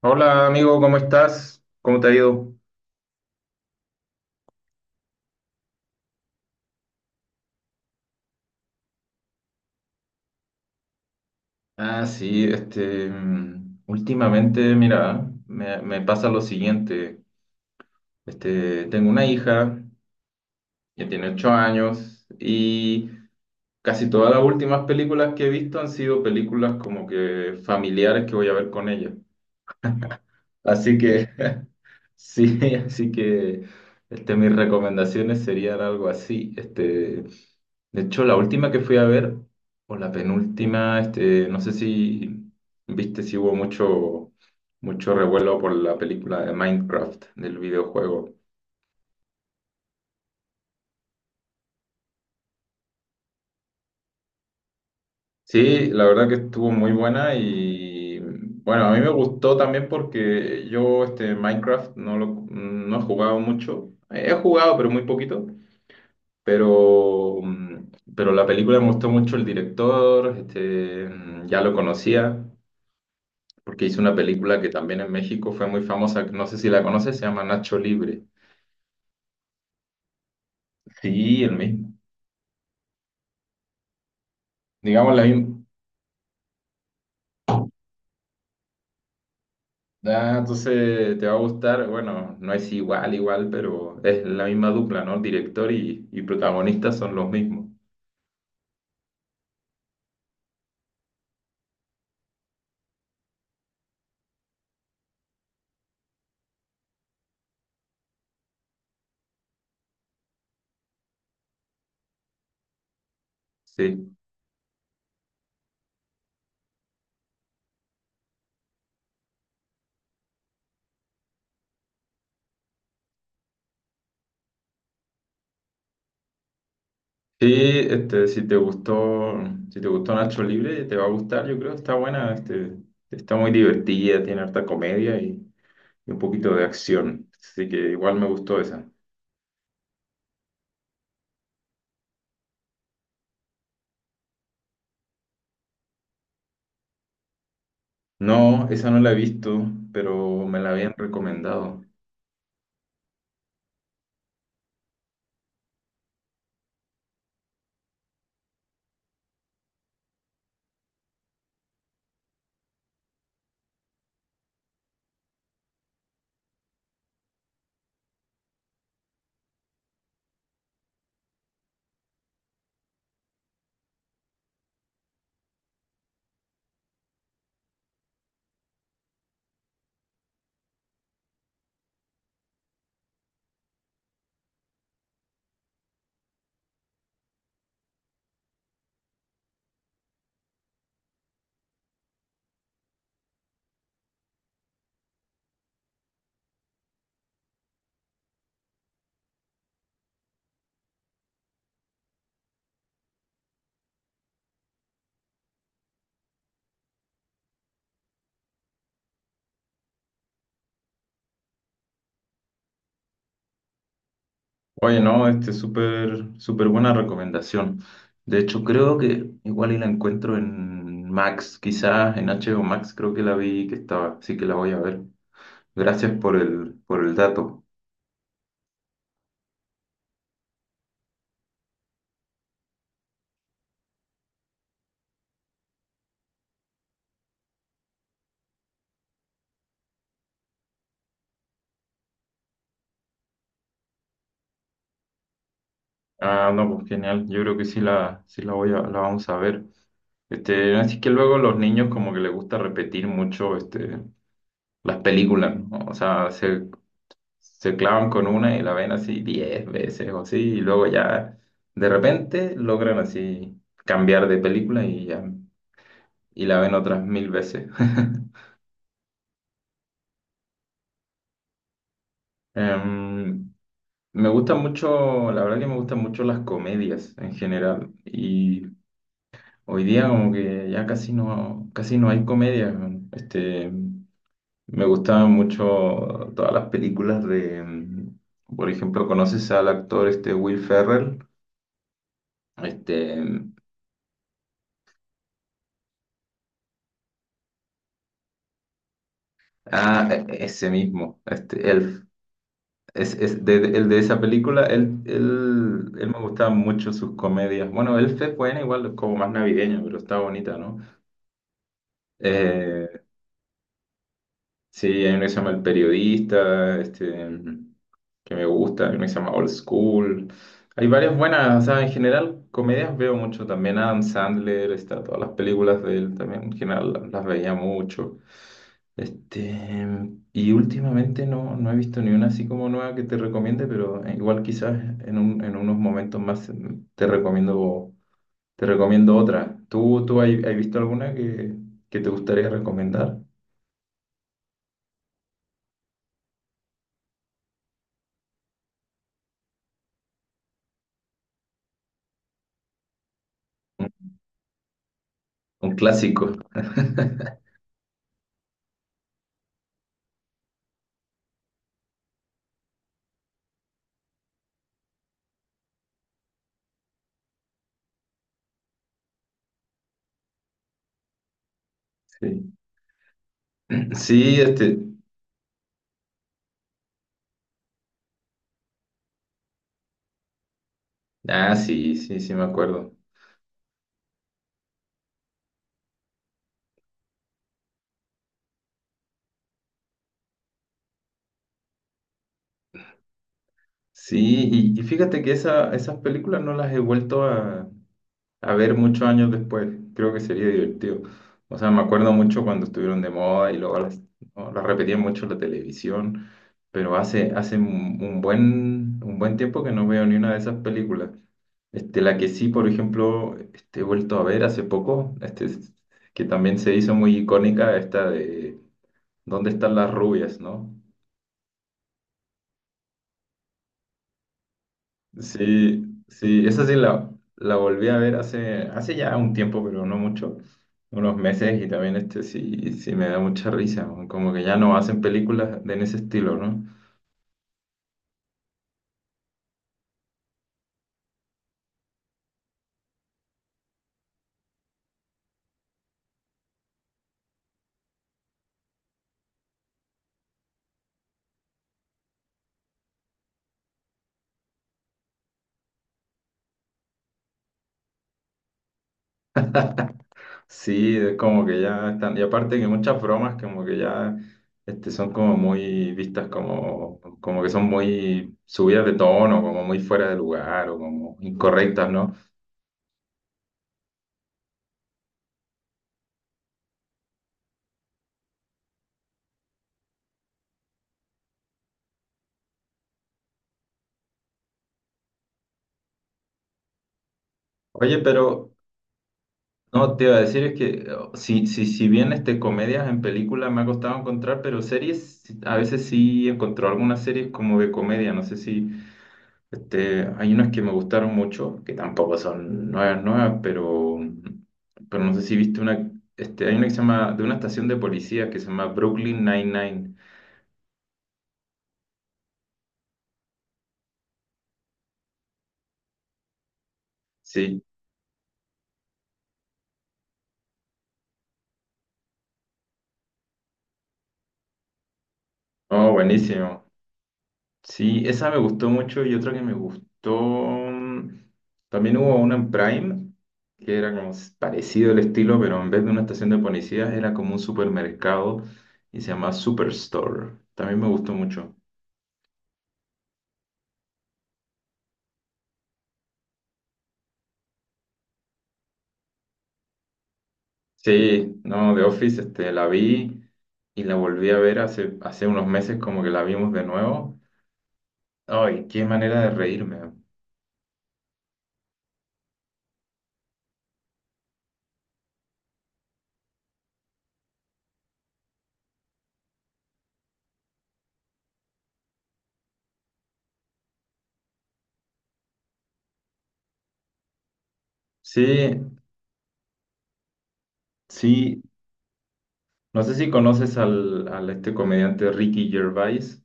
Hola amigo, ¿cómo estás? ¿Cómo te ha ido? Ah, sí, últimamente, mira, me pasa lo siguiente. Este, tengo una hija que tiene ocho años y casi todas las últimas películas que he visto han sido películas como que familiares que voy a ver con ella. Así que, sí, así que este, mis recomendaciones serían algo así. Este, de hecho, la última que fui a ver, o la penúltima, este, no sé si viste si hubo mucho revuelo por la película de Minecraft, del videojuego. Sí, la verdad que estuvo muy buena y bueno, a mí me gustó también porque yo este Minecraft no he jugado mucho. He jugado, pero muy poquito. Pero, pero la película me gustó mucho el director, ya lo conocía, porque hizo una película que también en México fue muy famosa, no sé si la conoces, se llama Nacho Libre. Sí, el mismo. Digamos la misma. Ah, entonces te va a gustar, bueno, no es igual, igual, pero es la misma dupla, ¿no? Director y protagonista son los mismos. Sí. Sí, este, si te gustó, si te gustó Nacho Libre, te va a gustar, yo creo, está buena, este, está muy divertida, tiene harta comedia y un poquito de acción, así que igual me gustó esa. No, esa no la he visto, pero me la habían recomendado. Oye, no, este, súper, súper buena recomendación. De hecho, creo que igual y la encuentro en Max, quizás en HBO Max creo que la vi que estaba, así que la voy a ver. Gracias por el dato. Ah, no, pues genial. Yo creo que sí la voy a, la vamos a ver. Este, así que luego los niños como que les gusta repetir mucho este, las películas, ¿no? O sea, se clavan con una y la ven así 10 veces o así, y luego ya de repente logran así cambiar de película y ya, y la ven otras mil veces. Em, Me gusta mucho, la verdad que me gustan mucho las comedias en general. Y hoy día como que ya casi no hay comedia. Weón. Este, me gustaban mucho todas las películas de, por ejemplo, ¿conoces al actor este Will Ferrell? Este, ese mismo, este Elf. Es, el de esa película, él me gustaba mucho sus comedias. Bueno, Elf es buena, igual como más navideña, pero está bonita, ¿no? Eh, Sí, hay uno que se llama El Periodista, este, que me gusta, hay uno que se llama Old School. Hay varias buenas, o sea, en general comedias veo mucho también. Adam Sandler, está, todas las películas de él también en general las veía mucho. Este, y últimamente no he visto ni una así como nueva que te recomiende, pero igual quizás en unos momentos más te recomiendo, te recomiendo otra. ¿Tú has visto alguna que te gustaría recomendar? Un un clásico. Sí, sí, ah, sí, me acuerdo. Sí, y fíjate que esas películas no las he vuelto a ver muchos años después. Creo que sería divertido. O sea, me acuerdo mucho cuando estuvieron de moda y luego no, las repetían mucho en la televisión, pero hace un un buen tiempo que no veo ni una de esas películas. Este, la que sí, por ejemplo, este, he vuelto a ver hace poco, este, que también se hizo muy icónica, esta de ¿Dónde están las rubias, no? Sí, sí, la volví a ver hace ya un tiempo, pero no mucho, unos meses, y también este sí, sí me da mucha risa, ¿no? Como que ya no hacen películas de en ese estilo, ¿no? Sí, es como que ya están, y aparte que muchas bromas como que ya este, son como muy vistas como, como que son muy subidas de tono, como muy fuera de lugar o como incorrectas, ¿no? Oye, pero no, te iba a decir es que si bien este, comedias en películas me ha costado encontrar, pero series sí, a veces sí encontré algunas series como de comedia. No sé si este, hay unas que me gustaron mucho, que tampoco son nuevas, nuevas, pero no sé si viste una, este, hay una que se llama, de una estación de policía que se llama Brooklyn Nine-Nine. Sí, oh, buenísimo. Sí, esa me gustó mucho y otra que me gustó. También hubo una en Prime, que era como parecido el estilo, pero en vez de una estación de policías era como un supermercado y se llamaba Superstore. También me gustó mucho. Sí, no, The Office, este, la vi y la volví a ver hace unos meses, como que la vimos de nuevo. Ay, qué manera de reírme. Sí, sí, no sé si conoces al, al este comediante Ricky Gervais.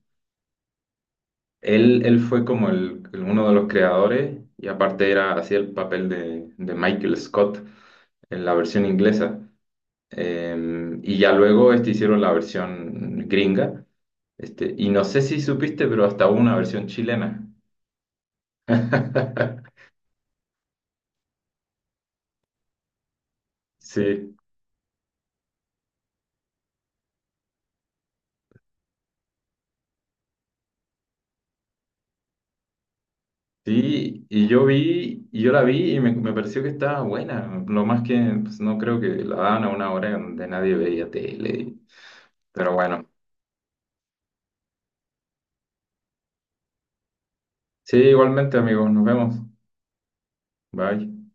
Él fue como uno de los creadores y aparte era hacía el papel de Michael Scott en la versión inglesa. Y ya luego este, hicieron la versión gringa. Este, y no sé si supiste, pero hasta hubo una versión chilena. Sí, sí, y yo la vi y me pareció que estaba buena. Lo más que pues, no creo que la daban a una hora donde nadie veía tele. Pero bueno, sí, igualmente amigos, nos vemos. Bye.